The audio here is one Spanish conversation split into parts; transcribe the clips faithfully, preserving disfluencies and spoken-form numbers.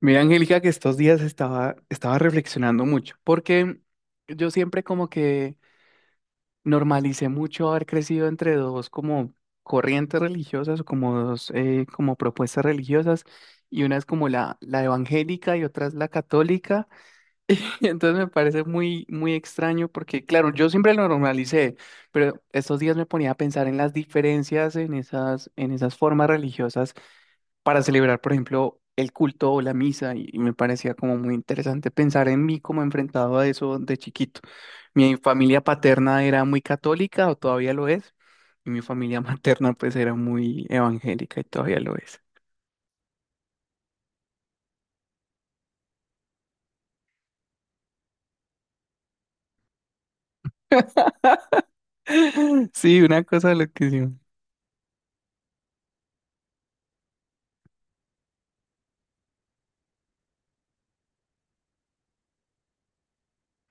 Mira, Angélica, que estos días estaba, estaba reflexionando mucho, porque yo siempre como que normalicé mucho haber crecido entre dos como corrientes religiosas o como dos eh, como propuestas religiosas, y una es como la, la evangélica y otra es la católica. Entonces me parece muy, muy extraño porque, claro, yo siempre lo normalicé, pero estos días me ponía a pensar en las diferencias en esas, en esas formas religiosas para celebrar, por ejemplo, el culto o la misa, y, y me parecía como muy interesante pensar en mí como enfrentado a eso de chiquito. Mi familia paterna era muy católica o todavía lo es, y mi familia materna pues era muy evangélica y todavía lo es. Sí, una cosa loquísima.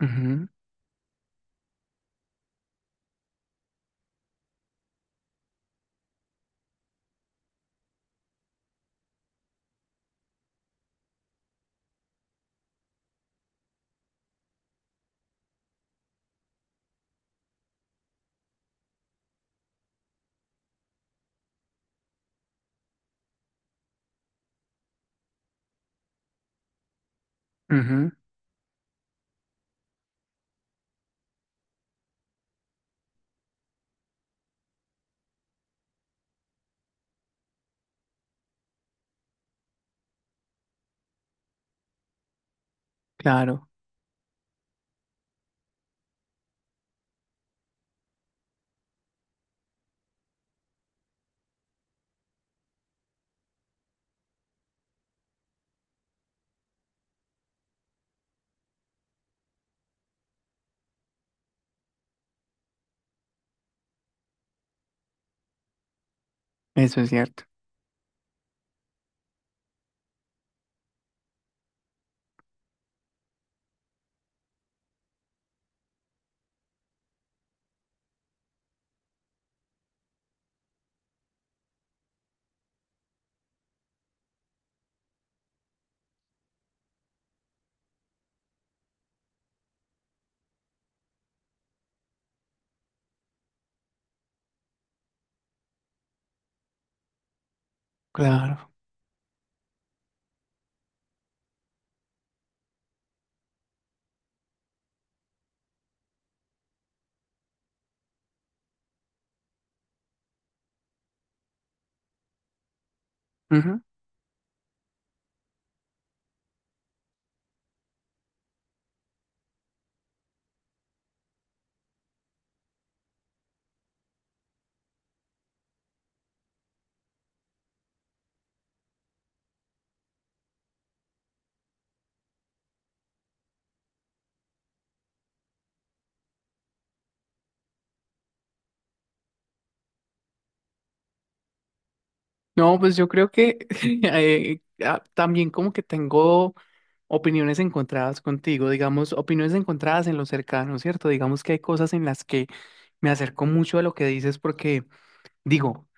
Ujú, ujú, claro. Eso es cierto, claro. Ujú. No, pues yo creo que eh, ah, también como que tengo opiniones encontradas contigo, digamos, opiniones encontradas en lo cercano, ¿cierto? Digamos que hay cosas en las que me acerco mucho a lo que dices porque digo,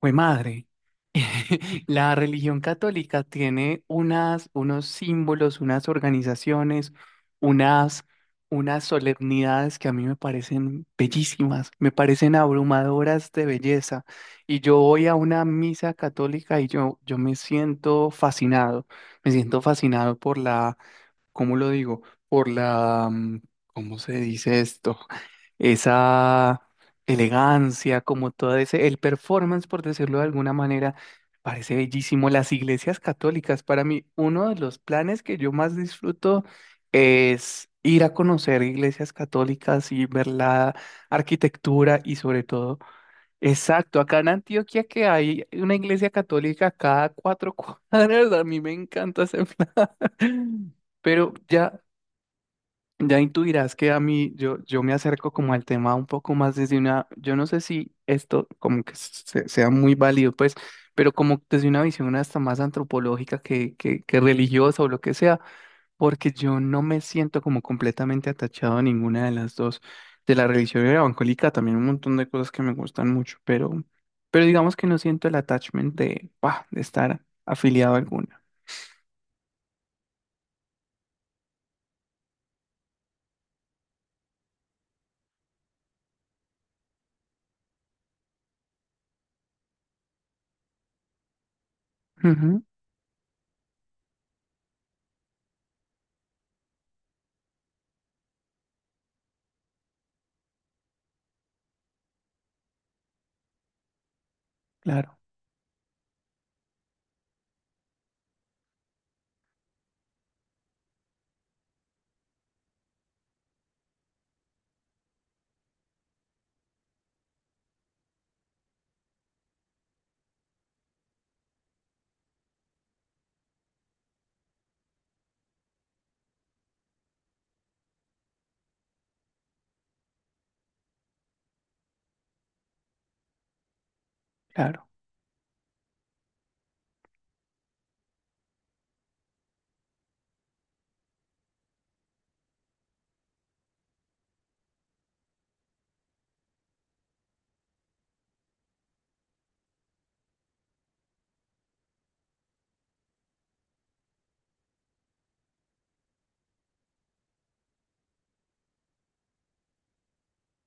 fue madre. La religión católica tiene unas, unos símbolos, unas organizaciones, unas, unas solemnidades que a mí me parecen bellísimas, me parecen abrumadoras de belleza. Y yo voy a una misa católica y yo, yo me siento fascinado, me siento fascinado por la, ¿cómo lo digo? Por la, mm, ¿cómo se dice esto? Esa elegancia, como todo ese, el performance, por decirlo de alguna manera, parece bellísimo. Las iglesias católicas, para mí, uno de los planes que yo más disfruto es ir a conocer iglesias católicas y ver la arquitectura y sobre todo, exacto, acá en Antioquia que hay una iglesia católica cada cuatro cuadras, a mí me encanta ese plan. Pero ya, ya intuirás que a mí, yo, yo me acerco como al tema un poco más desde una, yo no sé si esto como que se- sea muy válido, pues, pero como desde una visión hasta más antropológica que, que, que religiosa o lo que sea, porque yo no me siento como completamente atachado a ninguna de las dos. De la religión evangélica también un montón de cosas que me gustan mucho, pero, pero digamos que no siento el attachment de, bah, de estar afiliado a alguna. Ujú, claro, claro.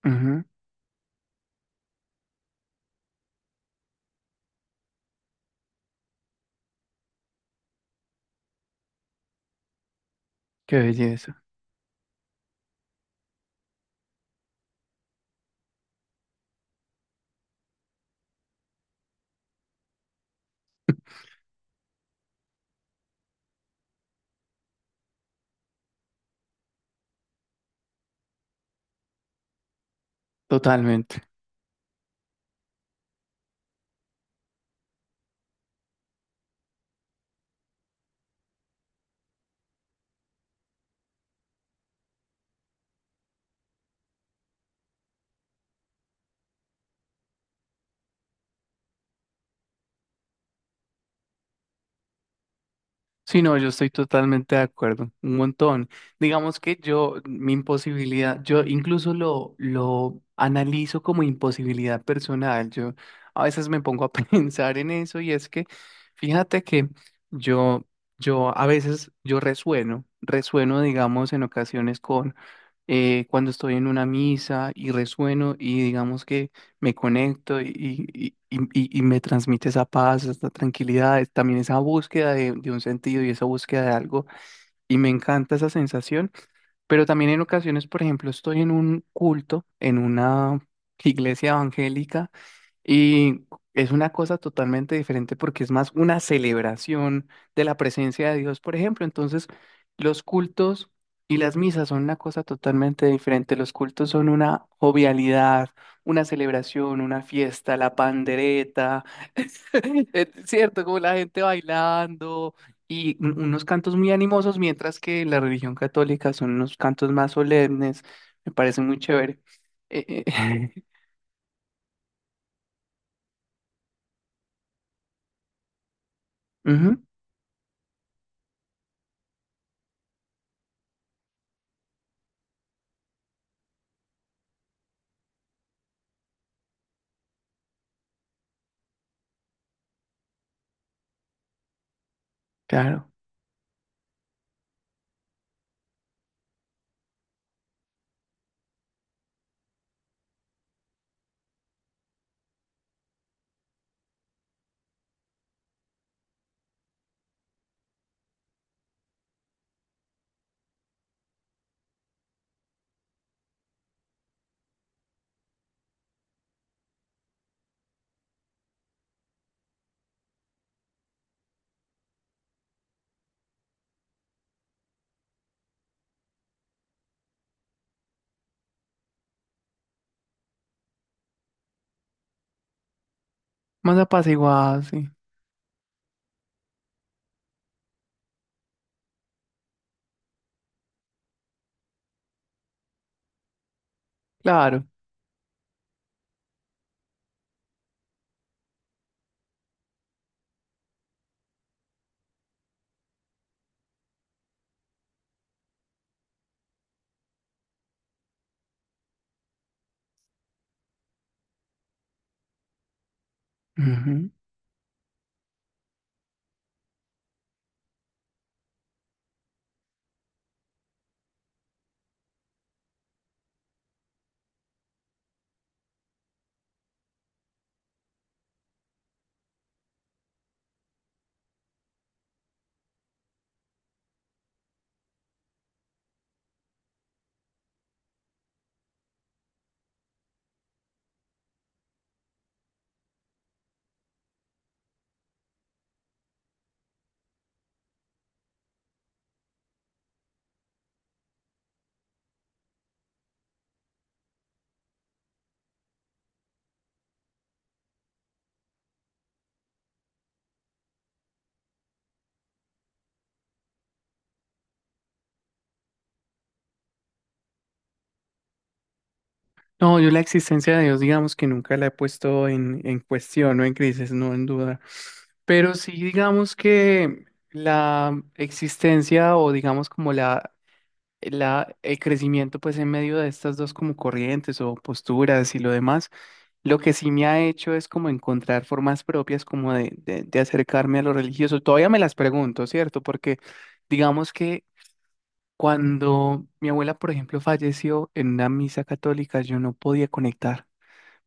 Ujú, qué belleza. Totalmente. Sí, no, yo estoy totalmente de acuerdo, un montón. Digamos que yo, mi imposibilidad, yo incluso lo, lo analizo como imposibilidad personal. Yo a veces me pongo a pensar en eso y es que, fíjate que yo, yo a veces, yo resueno, resueno, digamos, en ocasiones con eh, cuando estoy en una misa y resueno y digamos que me conecto y, y- y- y- y me transmite esa paz, esa tranquilidad, es también esa búsqueda de, de un sentido y esa búsqueda de algo. Y me encanta esa sensación, pero también en ocasiones, por ejemplo, estoy en un culto, en una iglesia evangélica y es una cosa totalmente diferente porque es más una celebración de la presencia de Dios, por ejemplo. Entonces, los cultos y las misas son una cosa totalmente diferente. Los cultos son una jovialidad, una celebración, una fiesta, la pandereta, es, ¿cierto? Como la gente bailando y un- unos cantos muy animosos, mientras que la religión católica son unos cantos más solemnes. Me parece muy chévere. Eh, eh, ujú, claro. Más apaciguada, sí. Claro. Ujú. No, yo la existencia de Dios, digamos que nunca la he puesto en, en cuestión o en crisis, no en duda. Pero sí, digamos que la existencia o digamos como la, la, el crecimiento pues en medio de estas dos como corrientes o posturas y lo demás, lo que sí me ha hecho es como encontrar formas propias como de, de, de acercarme a lo religioso. Todavía me las pregunto, ¿cierto? Porque digamos que cuando mi abuela, por ejemplo, falleció en una misa católica, yo no podía conectar.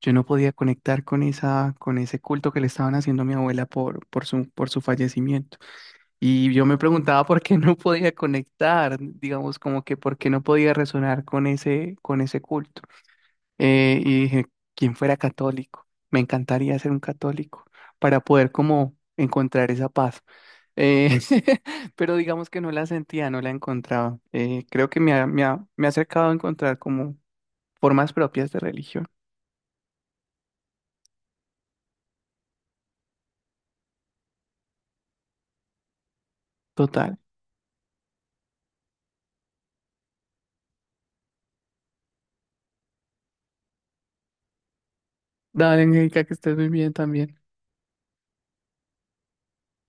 Yo no podía conectar con esa, con ese culto que le estaban haciendo a mi abuela por, por su, por su fallecimiento. Y yo me preguntaba por qué no podía conectar, digamos, como que por qué no podía resonar con ese, con ese culto. Eh, y dije, ¿quién fuera católico? Me encantaría ser un católico para poder como encontrar esa paz. Eh, pero digamos que no la sentía, no la encontraba. Eh, creo que me ha, me ha- me ha acercado a encontrar como formas propias de religión. Total. Dale, Angélica, que estés muy bien también.